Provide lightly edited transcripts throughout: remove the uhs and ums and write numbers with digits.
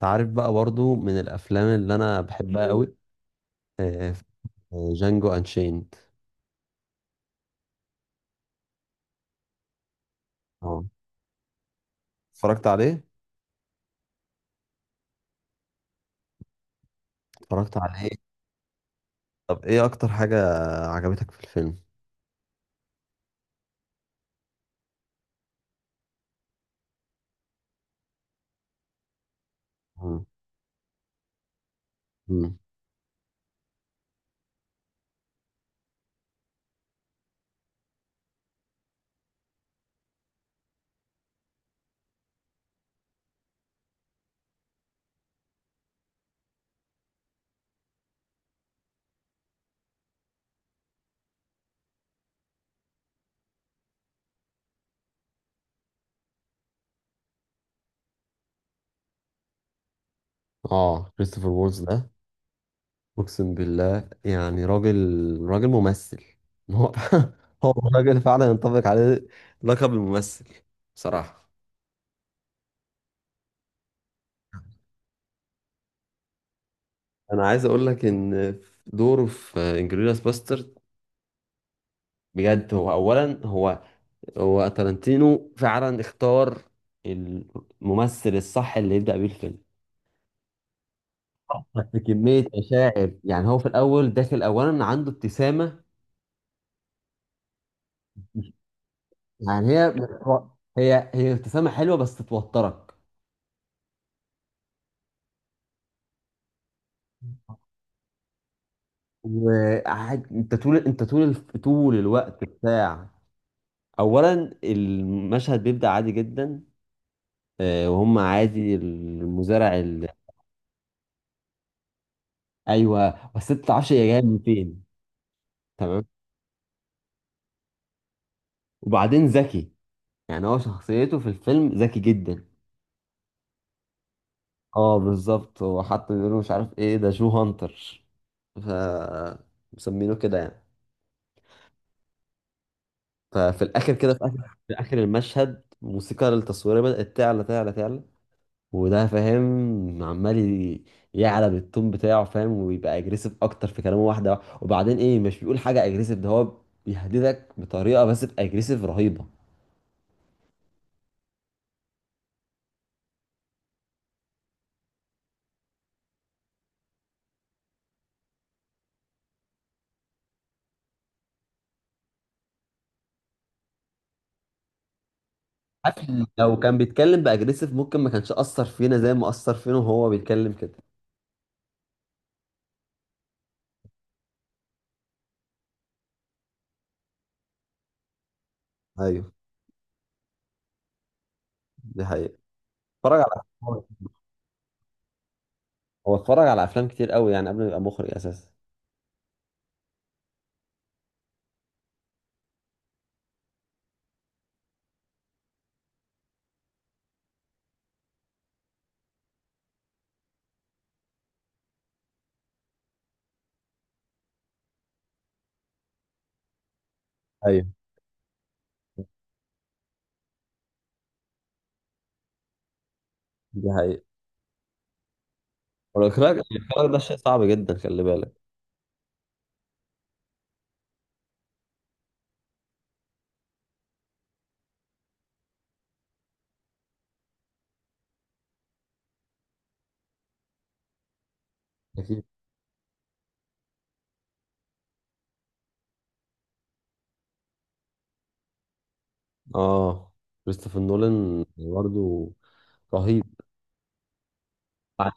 تعرف بقى برضو من الافلام اللي انا بحبها قوي؟ آه، جانجو انشيند. اه. اتفرجت عليه اتفرجت عليه. طب ايه اكتر حاجة عجبتك في الفيلم؟ مم. مم. اه، كريستوفر وولز ده اقسم بالله، يعني راجل، راجل ممثل. هو هو راجل فعلا ينطبق عليه لقب الممثل بصراحة. انا عايز اقول لك ان دوره في انجلوريوس باسترد بجد، هو اولا، هو تارانتينو فعلا اختار الممثل الصح اللي يبدأ بيه الفيلم. حط كمية مشاعر، يعني هو في الأول داخل أولا عنده ابتسامة. يعني هي ابتسامة حلوة بس توترك. وقاعد انت طول، طول الوقت بتاع. اولا المشهد بيبدأ عادي جدا. آه، وهم عادي المزارع. ايوه بس انت ما تعرفش هي جايه من فين. تمام. وبعدين ذكي، يعني هو شخصيته في الفيلم ذكي جدا. اه بالظبط، هو حتى بيقولوا مش عارف ايه ده، جو هانتر، ف مسمينه كده يعني. ففي الاخر كده، في اخر المشهد الموسيقى التصويريه بدات تعلى تعلى تعلى. وده فاهم، عمال يعلى بالتون بتاعه، فاهم، ويبقى اجريسيف اكتر في كلامه واحده. وبعدين ايه، مش بيقول حاجه اجريسيف، ده هو بيهددك بطريقه بس باجريسيف رهيبه. لو كان بيتكلم باجريسيف ممكن ما كانش اثر فينا زي ما اثر فينا وهو بيتكلم كده. ايوه، دي حقيقة. اتفرج على هو هو اتفرج على افلام كتير قوي يعني قبل ما يبقى مخرج اساسا. ايوه، دي حقيقة. والاخراج ده شيء صعب جدا، خلي بالك. أكيد. اه، كريستوفر نولان برضه رهيب. عارف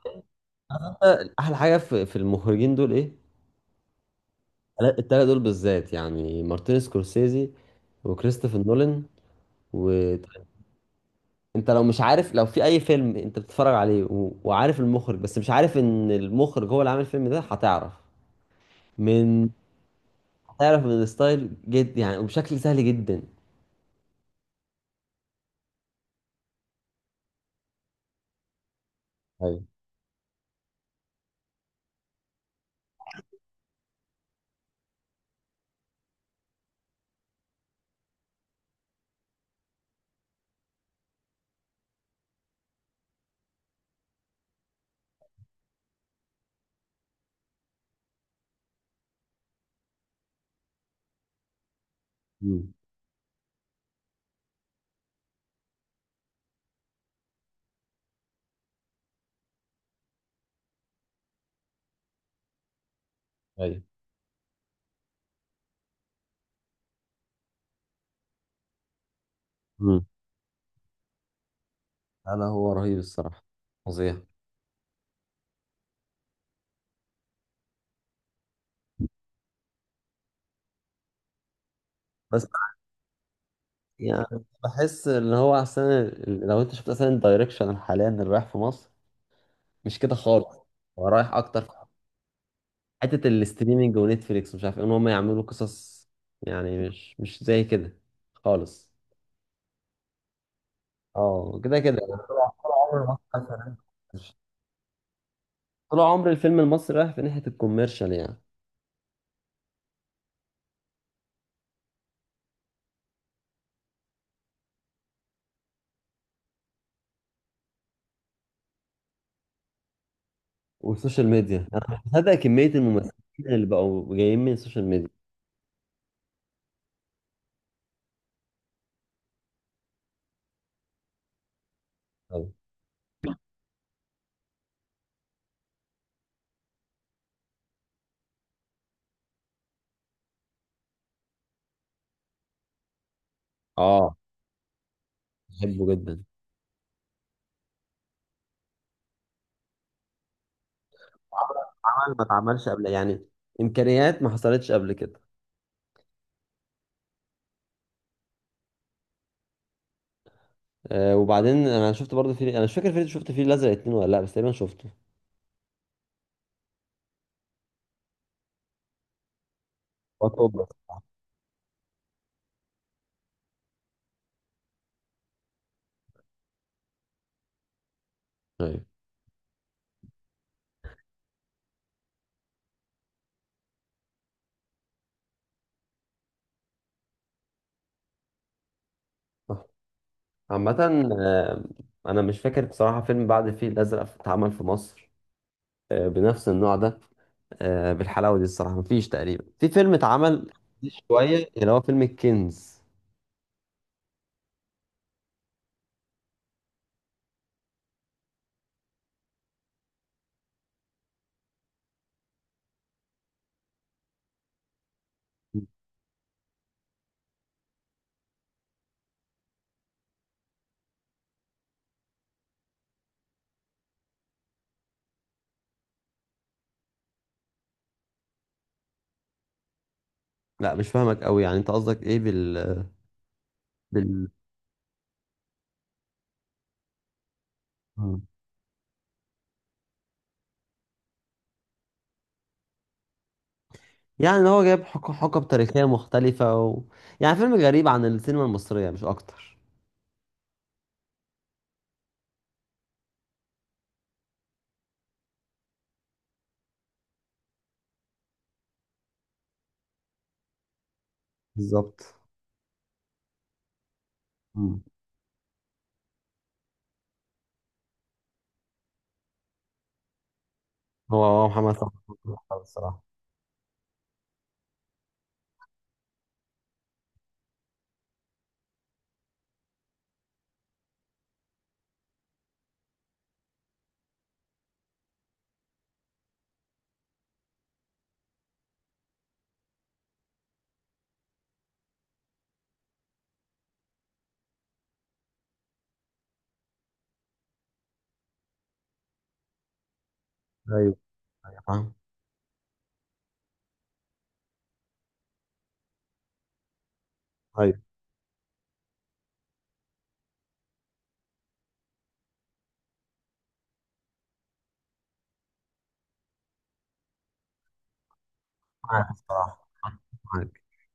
احلى حاجه في المخرجين دول ايه؟ التلاته دول بالذات، يعني مارتن سكورسيزي وكريستوفر نولان وانت. لو مش عارف، لو في اي فيلم انت بتتفرج عليه وعارف المخرج، بس مش عارف ان المخرج هو اللي عامل الفيلم ده، هتعرف من... تعرف من الستايل، جد يعني، وبشكل سهل جدا. ايوه. امم. ايوه. امم. انا هو رهيب الصراحه، فظيع. بس يعني بحس ان هو احسن. لو انت شفت اصلا الدايركشن حاليا اللي رايح في مصر، مش كده خالص. هو رايح اكتر في حته الاستريمنج ونتفليكس ومش عارف ايه، ان هم يعملوا قصص، يعني مش زي كده خالص. اه، كده كده يعني طول، طول عمر مصر رايحة في- طول عمر الفيلم المصري رايح في ناحيه الكوميرشال يعني. والسوشيال ميديا، انا متابع كميه الممثلين اللي بقوا جايين من السوشيال ميديا. أوي. اه، بحبه جدا. عمل عمل ما اتعملش قبل يعني، امكانيات ما حصلتش قبل كده. آه، وبعدين انا شفت برضه فيلم، انا مش فاكر فيلم شفت فيه الازرق اتنين ولا لا، بس تقريبا شفته. وات اوبر. ايوه. صح. عامة آه، أنا مش فاكر بصراحة فيلم بعد الفيل الأزرق اتعمل في مصر، آه، بنفس النوع ده، آه، بالحلاوة دي الصراحة. مفيش تقريبا في فيلم اتعمل. شوية اللي هو فيلم الكنز. لا مش فاهمك قوي، يعني انت قصدك ايه بال. مم. يعني ان هو جايب حقب تاريخية مختلفة و... يعني فيلم غريب عن السينما المصرية مش اكتر. بالظبط. مم. هو محمد صلاح الصراحة. ايوه. ايوه، فاهم. ايوه. معاك الصراحة، معاك.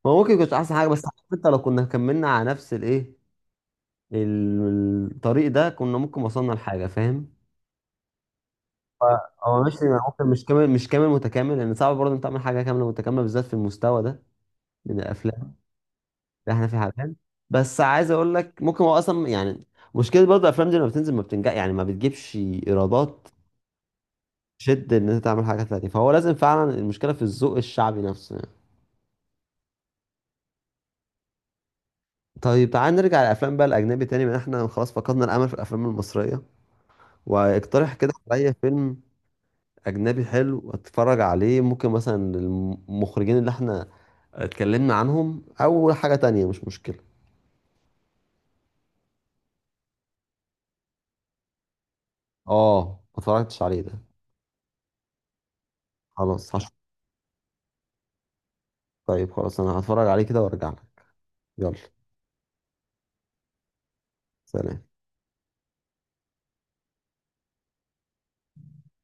هو ممكن يكونش احسن حاجة، بس حتى لو كنا كملنا على نفس الطريق ده كنا ممكن وصلنا لحاجة، فاهم. ف- هو ماشي. ممكن مش كامل متكامل، لان صعب برضه انت تعمل حاجة كاملة متكاملة بالذات في المستوى ده من الافلام. احنا في حالتين. بس عايز اقول لك ممكن هو اصلا يعني مشكله، برضه الافلام دي لما بتنزل ما بتنجح، يعني ما بتجيبش ايرادات. شد ان انت تعمل حاجه تانية، فهو لازم فعلا المشكله في الذوق الشعبي نفسه يعني. طيب تعال نرجع للافلام بقى الاجنبي تاني، من احنا خلاص فقدنا الامل في الافلام المصريه. واقترح كده عليا فيلم اجنبي حلو اتفرج عليه، ممكن مثلا المخرجين اللي احنا اتكلمنا عنهم، او حاجه تانية مش مشكله. اه. ما اتفرجتش عليه ده. خلاص هشوف. طيب خلاص، انا هتفرج عليه كده وارجع لك. يلا. سلام.